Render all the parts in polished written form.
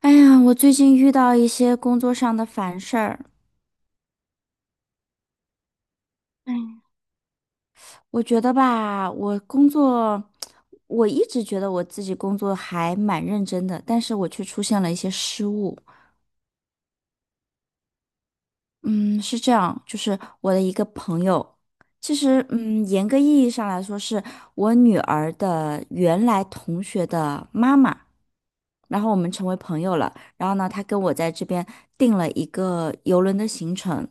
哎呀，我最近遇到一些工作上的烦事儿，嗯我觉得吧，我工作，我一直觉得我自己工作还蛮认真的，但是我却出现了一些失误。嗯，是这样，就是我的一个朋友，其实，严格意义上来说，是我女儿的原来同学的妈妈。然后我们成为朋友了。然后呢，她跟我在这边定了一个游轮的行程。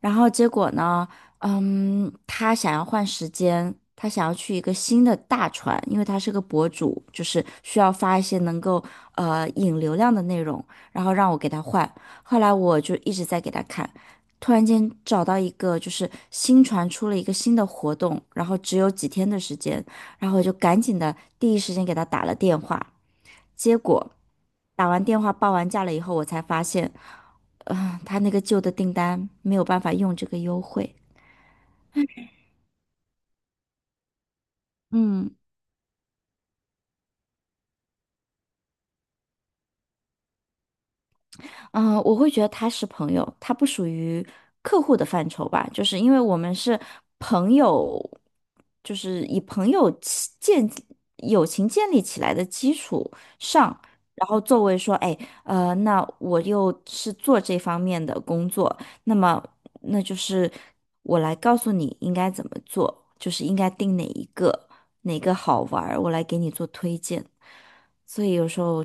然后结果呢，他想要换时间，他想要去一个新的大船，因为他是个博主，就是需要发一些能够引流量的内容，然后让我给他换。后来我就一直在给他看，突然间找到一个就是新船出了一个新的活动，然后只有几天的时间，然后我就赶紧的第一时间给他打了电话。结果打完电话报完价了以后，我才发现，他那个旧的订单没有办法用这个优惠。嗯，我会觉得他是朋友，他不属于客户的范畴吧，就是因为我们是朋友，就是以朋友起建友情建立起来的基础上，然后作为说，哎，那我又是做这方面的工作，那么那就是我来告诉你应该怎么做，就是应该定哪一个哪个好玩儿我来给你做推荐，所以有时候。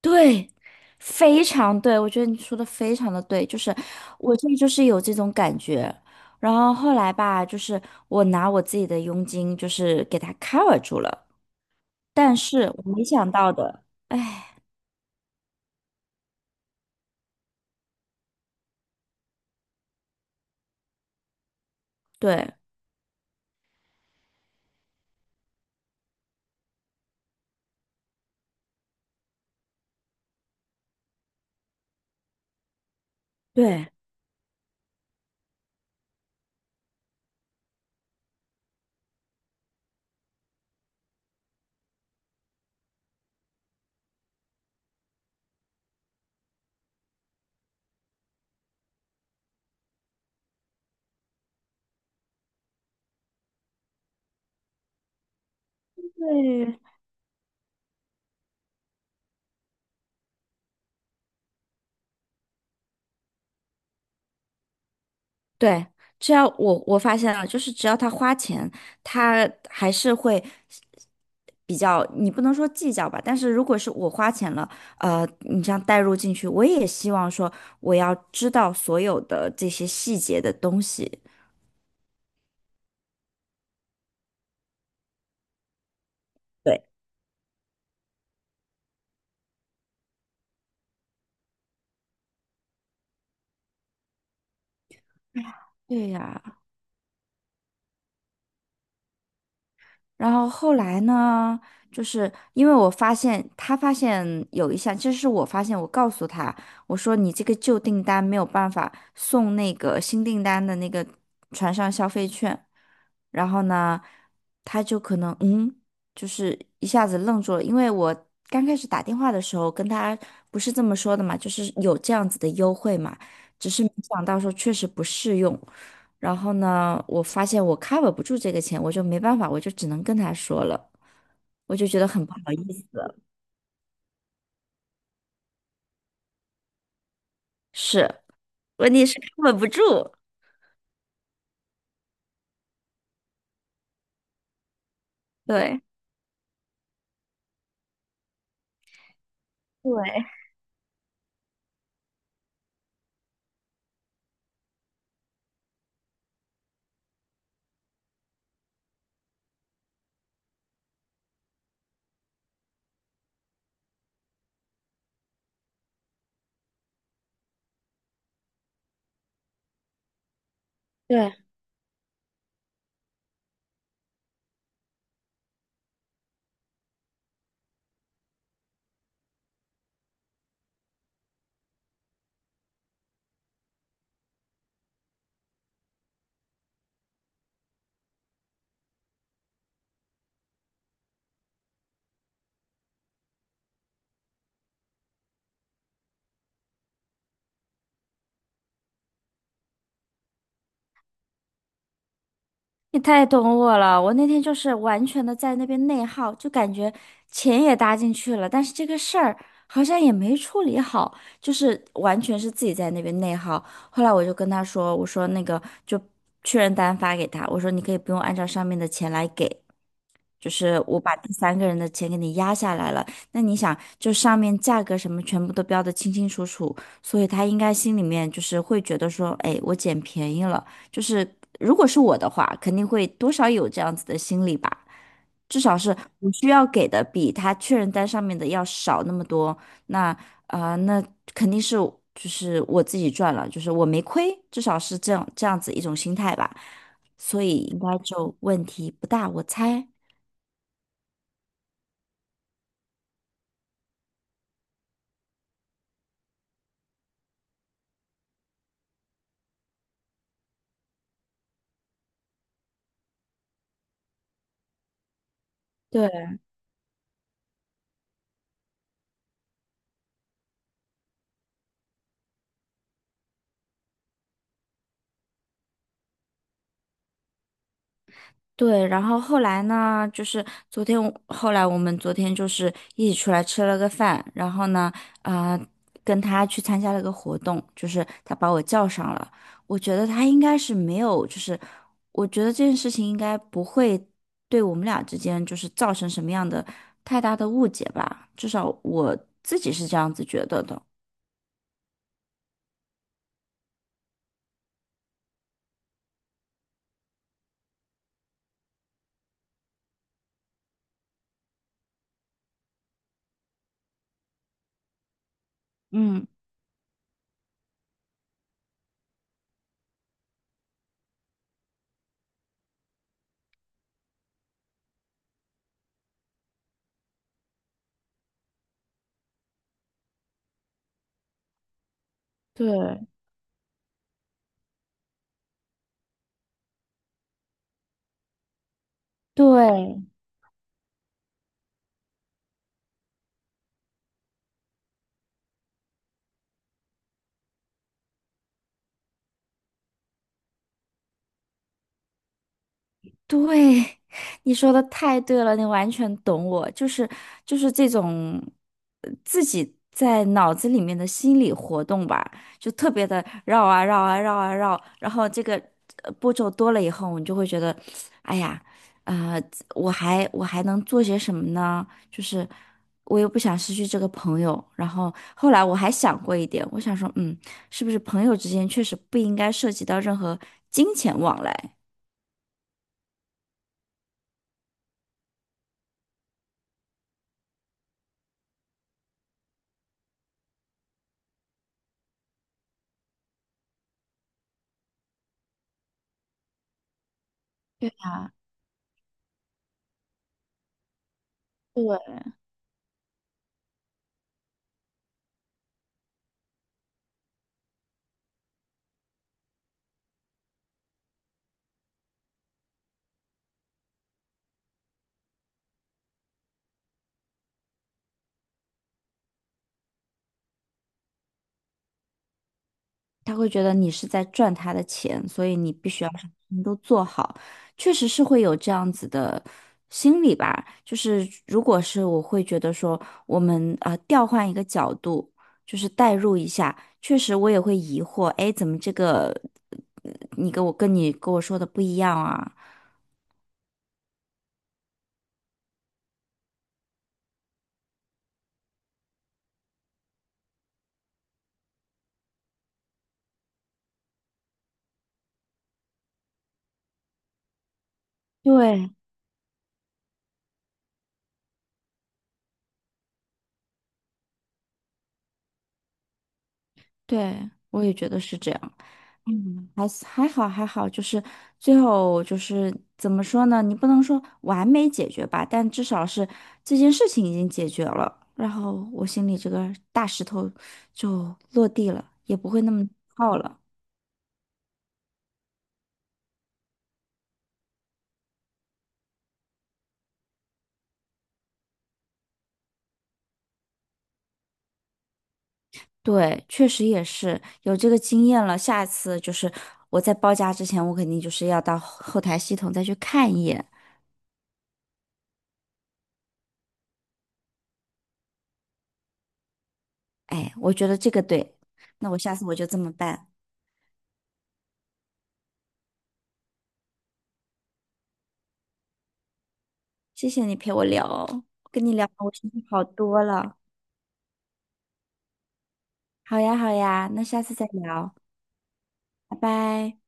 对，非常对，我觉得你说的非常的对，就是我这就是有这种感觉，然后后来吧，就是我拿我自己的佣金，就是给他 cover 住了，但是我没想到的，哎，对对。对对，只要我发现了，就是只要他花钱，他还是会比较，你不能说计较吧，但是如果是我花钱了，你这样带入进去，我也希望说我要知道所有的这些细节的东西。对，对呀，然后后来呢，就是因为我发现他发现有一项，这是我发现，我告诉他，我说你这个旧订单没有办法送那个新订单的那个船上消费券，然后呢，他就可能就是一下子愣住了，因为我刚开始打电话的时候跟他不是这么说的嘛，就是有这样子的优惠嘛，只是没想到说确实不适用。然后呢，我发现我 cover 不住这个钱，我就没办法，我就只能跟他说了，我就觉得很不好意思。是，问题是 cover 不住。对，对。对，你太懂我了，我那天就是完全的在那边内耗，就感觉钱也搭进去了，但是这个事儿好像也没处理好，就是完全是自己在那边内耗。后来我就跟他说，我说那个就确认单发给他，我说你可以不用按照上面的钱来给。就是我把第三个人的钱给你压下来了，那你想，就上面价格什么全部都标的清清楚楚，所以他应该心里面就是会觉得说，哎，我捡便宜了。就是如果是我的话，肯定会多少有这样子的心理吧。至少是我需要给的比他确认单上面的要少那么多，那那肯定是就是我自己赚了，就是我没亏，至少是这样这样子一种心态吧，所以应该就问题不大，我猜。对。对，然后后来呢，就是昨天我后来我们昨天就是一起出来吃了个饭，然后呢，啊、跟他去参加了个活动，就是他把我叫上了。我觉得他应该是没有，就是我觉得这件事情应该不会对我们俩之间就是造成什么样的太大的误解吧，至少我自己是这样子觉得的。嗯，对，对，对，你说的太对了，你完全懂我，就是就是这种自己在脑子里面的心理活动吧，就特别的绕啊绕啊绕啊绕，然后这个步骤多了以后，你就会觉得，哎呀，呃，我还能做些什么呢？就是我又不想失去这个朋友，然后后来我还想过一点，我想说，嗯，是不是朋友之间确实不应该涉及到任何金钱往来？对。他会觉得你是在赚他的钱，所以你必须要把什么事情都做好。确实是会有这样子的心理吧，就是如果是我会觉得说，我们调换一个角度，就是代入一下，确实我也会疑惑，哎，怎么这个呃你跟我跟我说的不一样啊？对对，我也觉得是这样。嗯，还是还好还好，就是最后就是怎么说呢？你不能说完美解决吧，但至少是这件事情已经解决了，然后我心里这个大石头就落地了，也不会那么耗了。对，确实也是有这个经验了，下次就是我在报价之前，我肯定就是要到后台系统再去看一眼。哎，我觉得这个对，那我下次我就这么办。谢谢你陪我聊哦跟你聊我心情好多了。好呀，好呀，那下次再聊，拜拜。